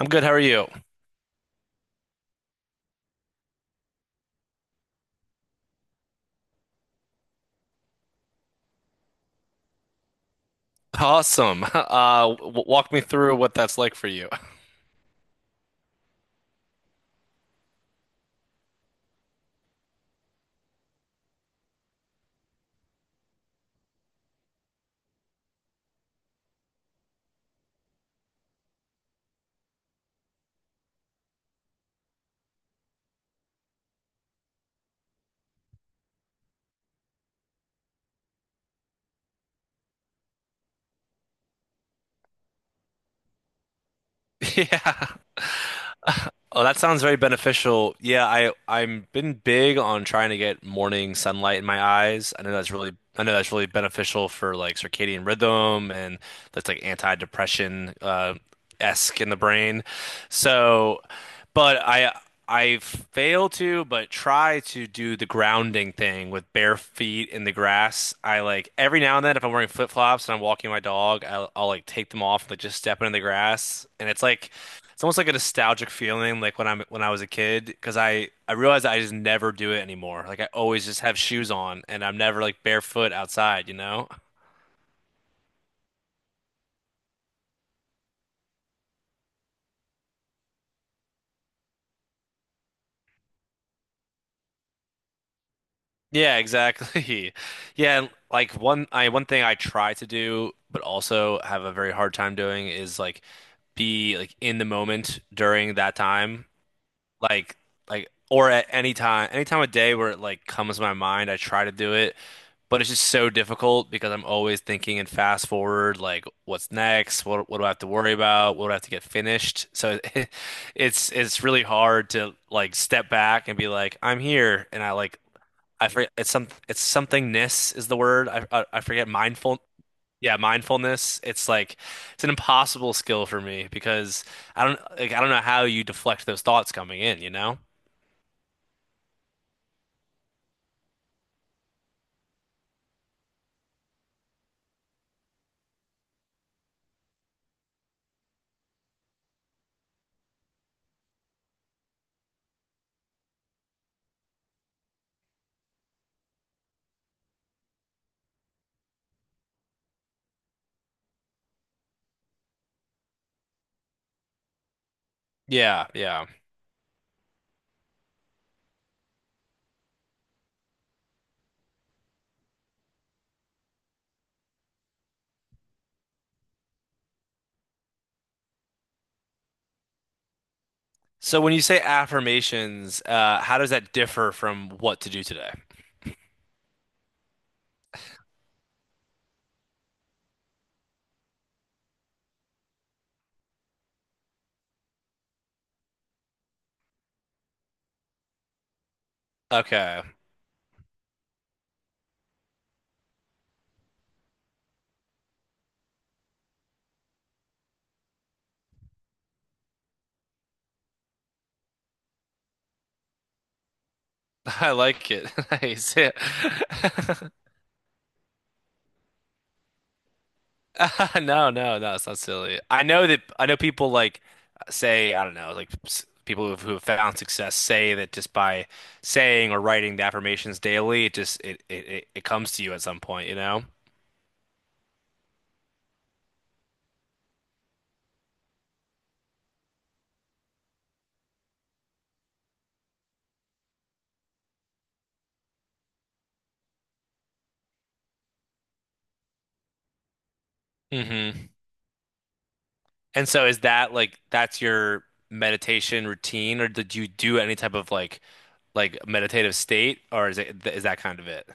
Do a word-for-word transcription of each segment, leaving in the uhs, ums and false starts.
I'm good. How are you? Awesome. Uh, w walk me through what that's like for you. Yeah. Oh, that sounds very beneficial. Yeah, I I'm been big on trying to get morning sunlight in my eyes. I know that's really I know that's really beneficial for like circadian rhythm, and that's like anti-depression uh esque in the brain. So, but I I fail to but try to do the grounding thing with bare feet in the grass. I, like, every now and then if I'm wearing flip-flops and I'm walking my dog, I'll, I'll like take them off and, like, just step in the grass, and it's like it's almost like a nostalgic feeling, like when I'm when I was a kid, because I I realized I just never do it anymore. Like, I always just have shoes on, and I'm never like barefoot outside, you know? Yeah, exactly. Yeah, and, like, one I one thing I try to do, but also have a very hard time doing, is like be like in the moment during that time. like like or at any time any time of day where it like comes to my mind I try to do it, but it's just so difficult because I'm always thinking and fast forward, like, what's next, what what do I have to worry about, what do I have to get finished, so. it's it's really hard to, like, step back and be like, I'm here, and I like, I forget, it's some it's somethingness is the word. I I, I forget, mindful, yeah, mindfulness. It's like, it's an impossible skill for me, because I don't like I don't know how you deflect those thoughts coming in, you know? Yeah, yeah. So when you say affirmations, uh, how does that differ from what to do today? Okay. I like it. Nice. Yeah. No, no, no, it's not silly. I know that I know people, like, say, I don't know, like, s- people who've, who've found success say that just by saying or writing the affirmations daily, it just it it, it it comes to you at some point, you know? And so is that like, that's your meditation routine, or did you do any type of like, like meditative state, or is it is that kind of it?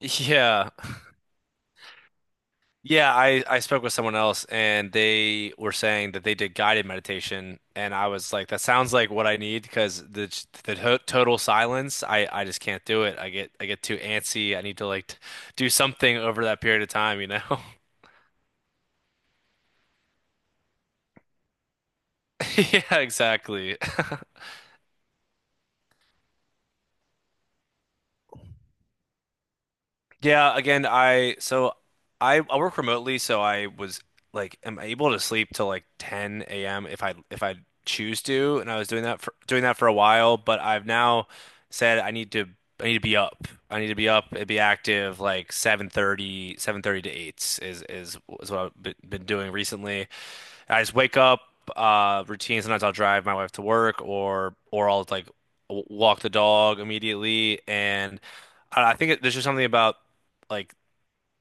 Yeah. Yeah, I I spoke with someone else and they were saying that they did guided meditation, and I was like, that sounds like what I need, because the the to- total silence, I I just can't do it. I get I get too antsy. I need to, like, t- do something over that period of time, you know? Yeah, exactly. Yeah, again, I so I, I work remotely, so I was like, am able to sleep till like ten a m if I if I choose to, and I was doing that for doing that for a while, but I've now said I need to I need to be up. I need to be up and be active like seven thirty seven thirty to eight is is is what I've been been doing recently. I just wake up, uh routine, sometimes I'll drive my wife to work, or or I'll, like, w- walk the dog immediately, and I I think it, there's just something about, like,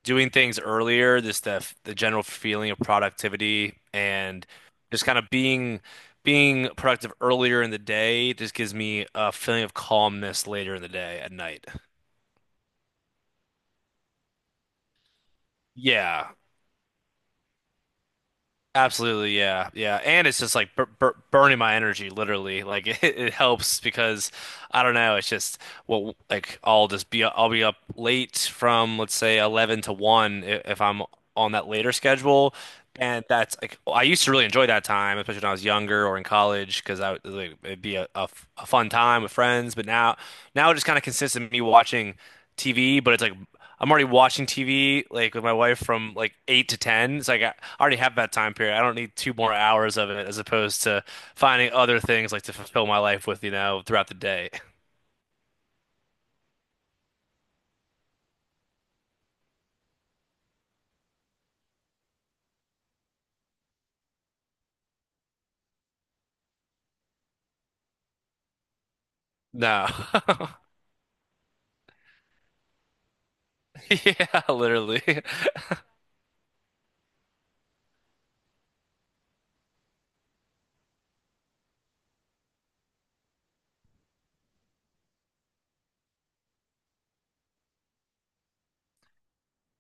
doing things earlier. Just the the general feeling of productivity, and just kind of being being productive earlier in the day just gives me a feeling of calmness later in the day at night. Yeah, absolutely. Yeah, yeah, and it's just like bur bur burning my energy literally. Like, it, it helps because I don't know. It's just, well, like, I'll just be I'll be up late from, let's say, eleven to one i- if I'm on that later schedule. And that's like, I used to really enjoy that time, especially when I was younger or in college, because I would- like, it'd be a, a f- a fun time with friends. But now, now it just kind of consists of me watching T V, but it's like, I'm already watching T V, like, with my wife from like eight to ten. It's like I already have that time period. I don't need two more hours of it, as opposed to finding other things, like, to fulfill my life with, you know, throughout the day. No. Yeah, literally.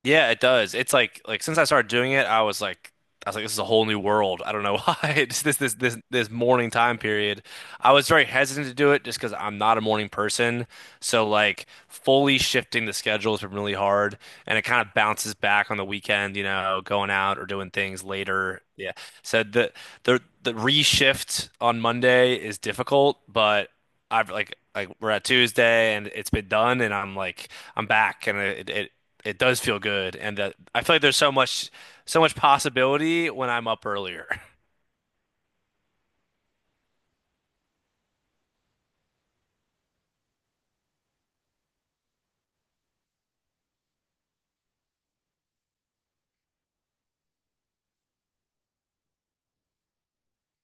Yeah, it does. It's like like since I started doing it, I was like I was like this is a whole new world. I don't know why. It's this this this this morning time period. I was very hesitant to do it, just because I'm not a morning person. So, like, fully shifting the schedule has been really hard, and it kind of bounces back on the weekend, you know, going out or doing things later. Yeah. So the the the reshift on Monday is difficult, but I've, like like we're at Tuesday and it's been done and I'm like, I'm back, and it, it it does feel good, and that I feel like there's so much so much possibility when I'm up earlier.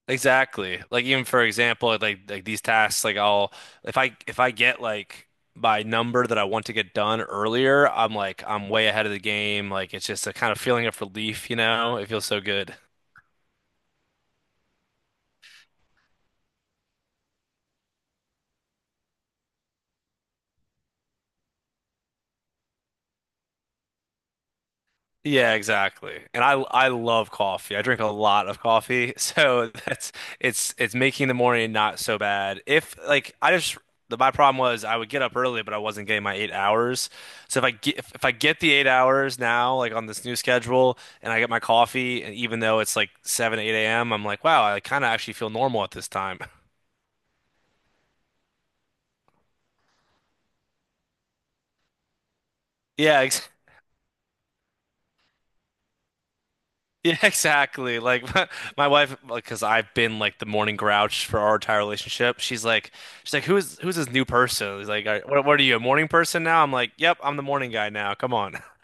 Exactly. Like, even, for example, like like like these tasks, like, I'll if I if I get, like, my number that I want to get done earlier, I'm like, I'm way ahead of the game. Like, it's just a kind of feeling of relief, you know? It feels so good. Yeah, exactly. And I I love coffee. I drink a lot of coffee. So that's it's it's making the morning not so bad. If, like, I just the, my problem was I would get up early, but I wasn't getting my eight hours. So if I get if, if I get the eight hours now, like, on this new schedule, and I get my coffee, and even though it's like seven, eight a m, I'm like, wow, I kind of actually feel normal at this time. Yeah, yeah, exactly. Like, my, my wife, like, because I've been like the morning grouch for our entire relationship. She's like, she's like, who's who's this new person? He's like, "Are- what, what are you, a morning person now? I'm like, yep, I'm the morning guy now. Come on.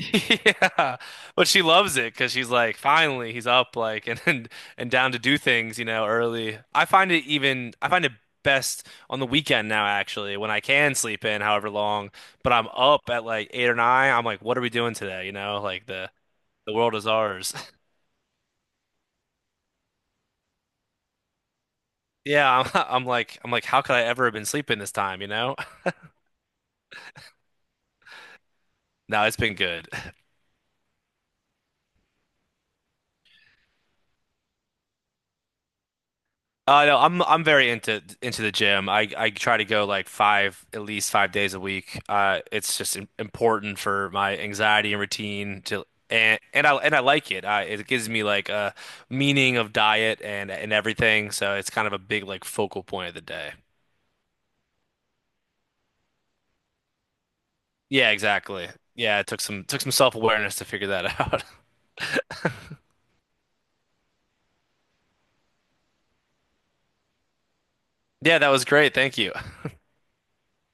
Yeah, but she loves it because she's like, finally, he's up, like, and, and and down to do things, you know, early. I find it even, I find it best on the weekend now, actually, when I can sleep in however long, but I'm up at like eight or nine. I'm like, what are we doing today? You know, like, the the world is ours. Yeah, I'm, I'm like I'm like how could I ever have been sleeping this time, you know? No, it's been good. Uh no, I'm I'm very into into the gym. I I try to go, like, five, at least five days a week. Uh it's just im- important for my anxiety and routine, to, and and I and I like it. I It gives me, like, a meaning of diet and and everything, so it's kind of a big, like, focal point of the day. Yeah, exactly. Yeah, it took some took some self-awareness to figure that out. Yeah, that was great. Thank you.